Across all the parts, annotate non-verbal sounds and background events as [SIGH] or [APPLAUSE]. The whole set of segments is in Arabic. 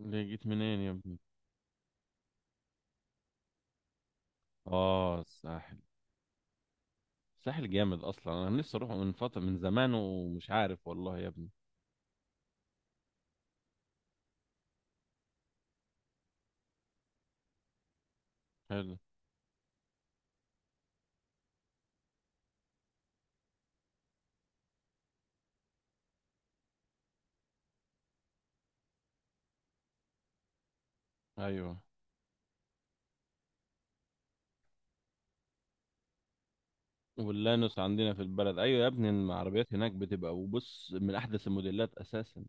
اللي جيت منين يا ابني؟ اه، الساحل. الساحل جامد اصلا، انا نفسي اروح من فتره، من زمان، ومش عارف والله يا ابني. حلو. ايوه، واللانوس عندنا في البلد، ايوه يا ابني، العربيات هناك بتبقى وبص، من احدث الموديلات اساسا.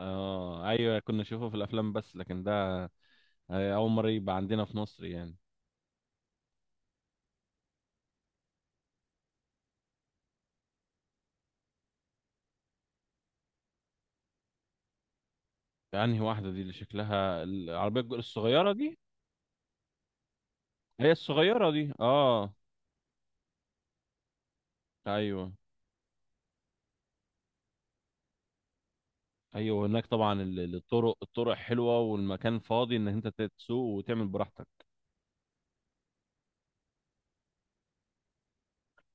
اه، ايوه، كنا نشوفها في الافلام بس، لكن ده اول مره يبقى عندنا في مصر يعني. انهي واحده دي، اللي شكلها العربيه الصغيره دي؟ هي الصغيره دي، اه. ايوه، ايوه. هناك طبعا الطرق حلوه، والمكان فاضي ان انت تسوق وتعمل براحتك.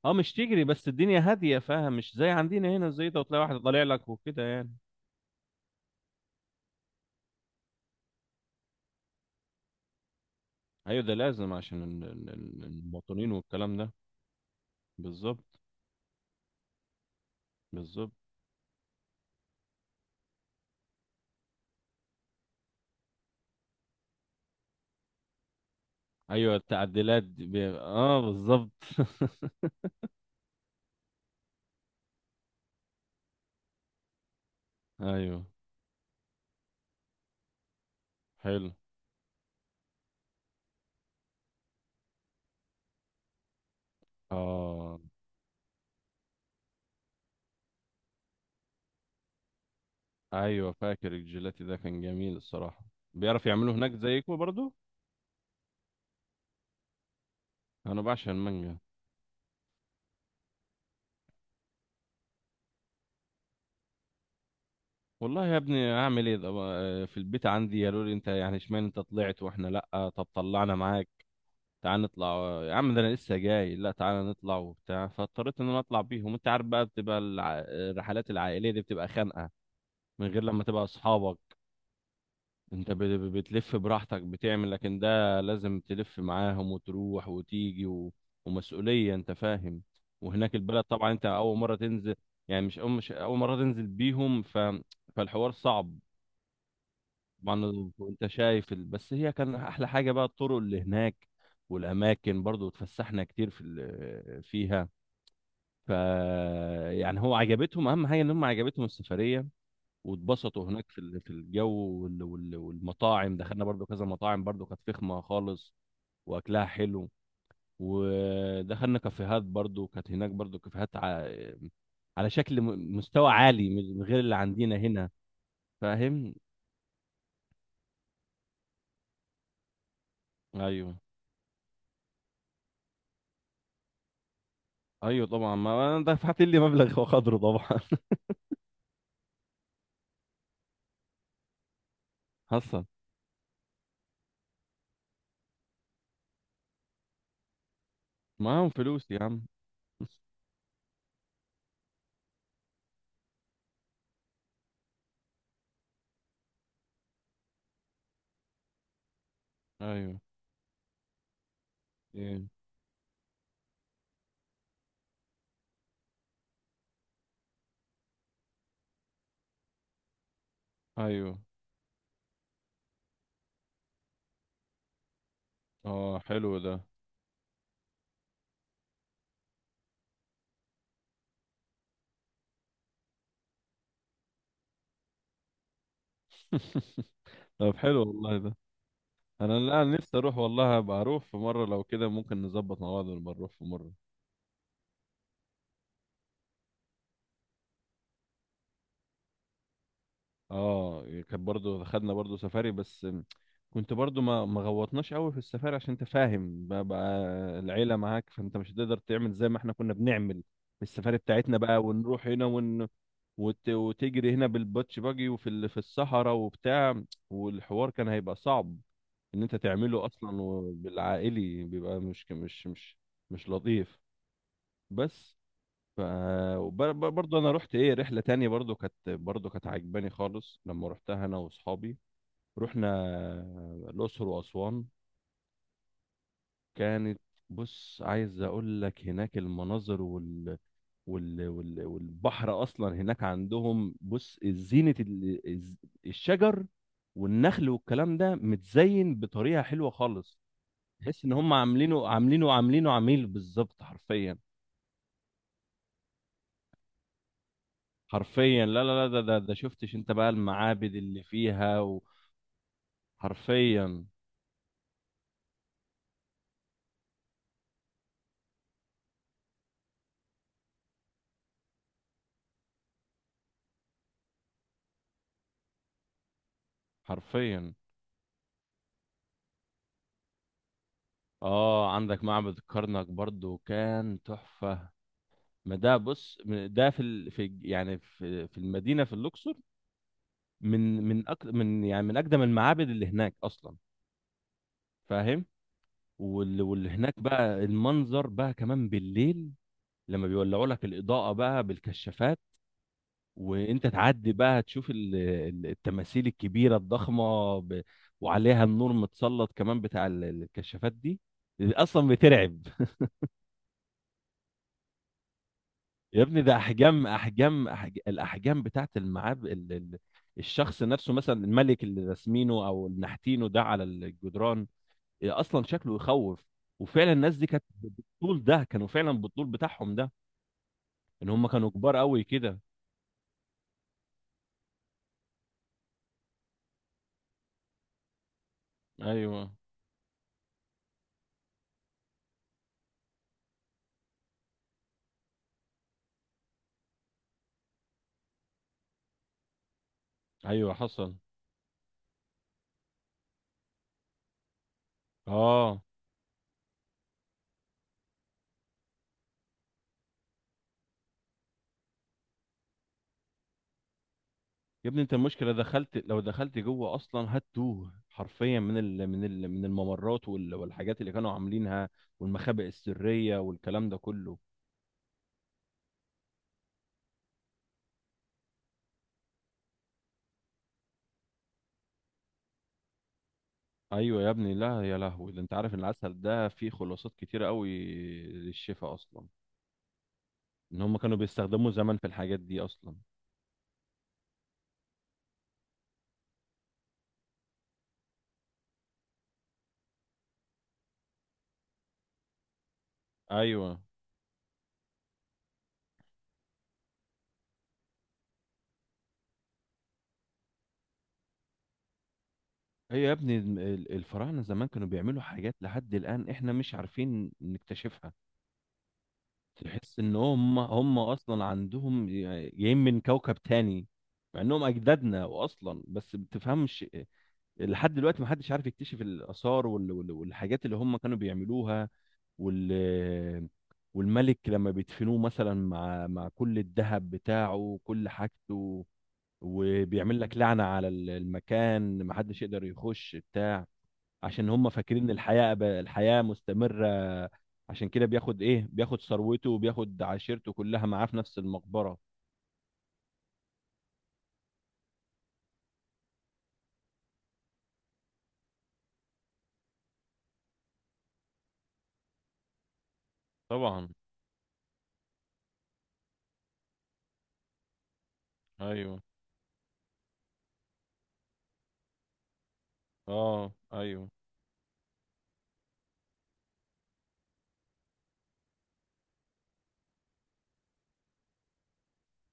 اه، مش تجري، بس الدنيا هاديه، فاهم؟ مش زي عندنا هنا، زي ده وتلاقي واحد طالع لك وكده يعني. ايوه، ده لازم عشان المواطنين والكلام ده. بالظبط، بالظبط. ايوه، التعديلات دي بي... اه بالظبط. [LAUGHS] ايوه، حلو. اه، ايوه، فاكر الجيلاتي ده، كان جميل الصراحه. بيعرف يعملوه هناك زيكم برضو. انا بعشق المانجا. والله يا ابني، اعمل ايه ده بقى؟ في البيت عندي قالوا لي: انت يعني اشمعنى انت طلعت واحنا لا؟ طب طلعنا معاك، تعال نطلع. آه يا عم، ده انا لسه جاي، لا تعال نطلع وبتاع. فاضطريت ان انا اطلع بيهم. انت عارف بقى، بتبقى الرحلات العائليه دي بتبقى خانقه، من غير لما تبقى اصحابك انت بتلف براحتك بتعمل. لكن ده لازم تلف معاهم وتروح وتيجي و... ومسؤوليه، انت فاهم. وهناك البلد طبعا، انت اول مره تنزل، يعني مش اول مره تنزل بيهم، فالحوار صعب طبعا. انت شايف بس هي كان احلى حاجه بقى الطرق اللي هناك، والاماكن برضو اتفسحنا كتير فيها، ف يعني هو عجبتهم، اهم حاجه ان هم عجبتهم السفريه، واتبسطوا هناك في الجو، والمطاعم دخلنا برضو كذا مطاعم، برضو كانت فخمه خالص واكلها حلو. ودخلنا كافيهات برضو، كانت هناك برضو كافيهات على شكل مستوى عالي، من غير اللي عندنا هنا، فاهم. ايوه، ايوه طبعا، ما انا دفعت لي مبلغ وقدره طبعا. [LAUGHS] حصل، معاهم فلوس يا عم. ايوه إيه. ايوه، اه حلو ده. [LAUGHS] طب حلو والله ده، انا لا، أنا نفسي اروح والله، ابقى اروح في مره، لو كده ممكن نظبط مع بعض ونبقى نروح في مره. اه، إيه، كانت برضو خدنا برضو سفاري بس، كنت برضو ما غوطناش قوي في السفاري، عشان انت فاهم بقى، العيله معاك، فانت مش هتقدر تعمل زي ما احنا كنا بنعمل في السفاري بتاعتنا بقى، ونروح هنا وتجري هنا بالباتش باجي في الصحراء وبتاع، والحوار كان هيبقى صعب ان انت تعمله اصلا، وبالعائلي بيبقى مش لطيف. بس. ف برضه انا رحت ايه رحله تانية، برضه كانت عجباني خالص لما رحتها انا واصحابي. رحنا الاقصر واسوان، كانت بص عايز اقول لك هناك المناظر، والبحر اصلا هناك عندهم، بص، زينة الشجر والنخل والكلام ده، متزين بطريقة حلوة خالص، تحس ان هم عاملينه عميل بالظبط، حرفيا. حرفيا، لا، لا، لا، ده شفتش انت بقى المعابد اللي فيها؟ وحرفيا، حرفيا. اه، عندك معبد الكرنك، برضو كان تحفة. ما ده بص، ده في يعني في المدينه، في الاقصر، من من أك... من يعني من اقدم المعابد اللي هناك اصلا، فاهم. واللي هناك بقى، المنظر بقى كمان بالليل لما بيولعوا لك الاضاءه بقى بالكشافات، وانت تعدي بقى تشوف التماثيل الكبيره الضخمه وعليها النور متسلط، كمان بتاع الكشافات دي، اصلا بترعب. يا ابني، ده الاحجام بتاعت المعاب الشخص نفسه، مثلا الملك اللي راسمينه او اللي نحتينه ده على الجدران، إيه اصلا شكله يخوف، وفعلا الناس دي كانت بالطول ده، كانوا فعلا بالطول بتاعهم ده، ان هم كانوا كبار قوي كده. ايوه، ايوه، حصل، اه. يا ابني، انت المشكله دخلت، لو دخلت جوه اصلا هتوه حرفيا، من الممرات والحاجات اللي كانوا عاملينها، والمخابئ السريه والكلام ده كله. ايوه يا ابني، لا يا لهوي، ده انت عارف ان العسل ده فيه خلاصات كتيره قوي للشفاء اصلا، ان هم كانوا بيستخدموا زمان في الحاجات دي اصلا. ايوه. هي يا ابني، الفراعنه زمان كانوا بيعملوا حاجات لحد الان احنا مش عارفين نكتشفها، تحس ان هم اصلا عندهم جايين من كوكب تاني، مع انهم اجدادنا واصلا، بس بتفهمش. لحد دلوقتي ما حدش عارف يكتشف الاثار والحاجات اللي هم كانوا بيعملوها، وال والملك لما بيدفنوه مثلا مع كل الذهب بتاعه وكل حاجته، وبيعمل لك لعنة على المكان، محدش يقدر يخش بتاع، عشان هم فاكرين ان الحياة الحياة مستمرة، عشان كده بياخد ايه، بياخد ثروته، وبياخد عشيرته كلها معاه في نفس المقبرة. طبعا. ايوه، اه، ايوه،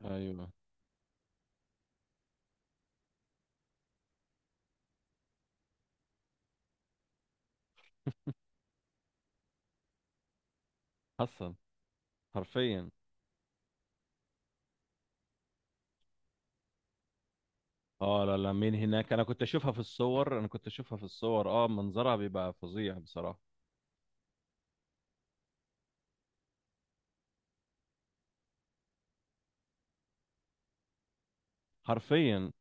ايوه، حصل، حرفيا. اه، لا، لا، مين هناك، انا كنت اشوفها في الصور، انا كنت اشوفها في الصور، اه منظرها بيبقى فظيع بصراحة، حرفيا.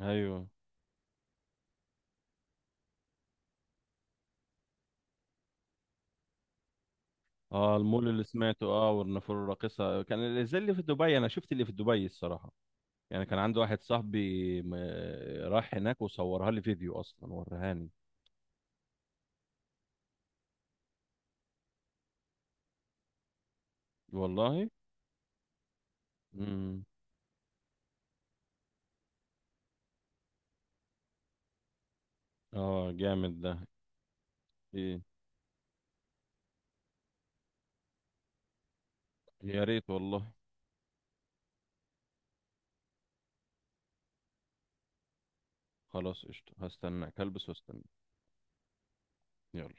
ايوه، اه المول اللي سمعته، والنافوره الراقصه، كان اللي زي اللي في دبي. انا شفت اللي في دبي الصراحه، يعني كان عندي واحد صاحبي راح هناك وصورها لي فيديو اصلا ورهاني والله. امم. اه جامد ده. ايه، يا ريت والله. خلاص قشطه، هستناك، هلبس واستنى. يلا.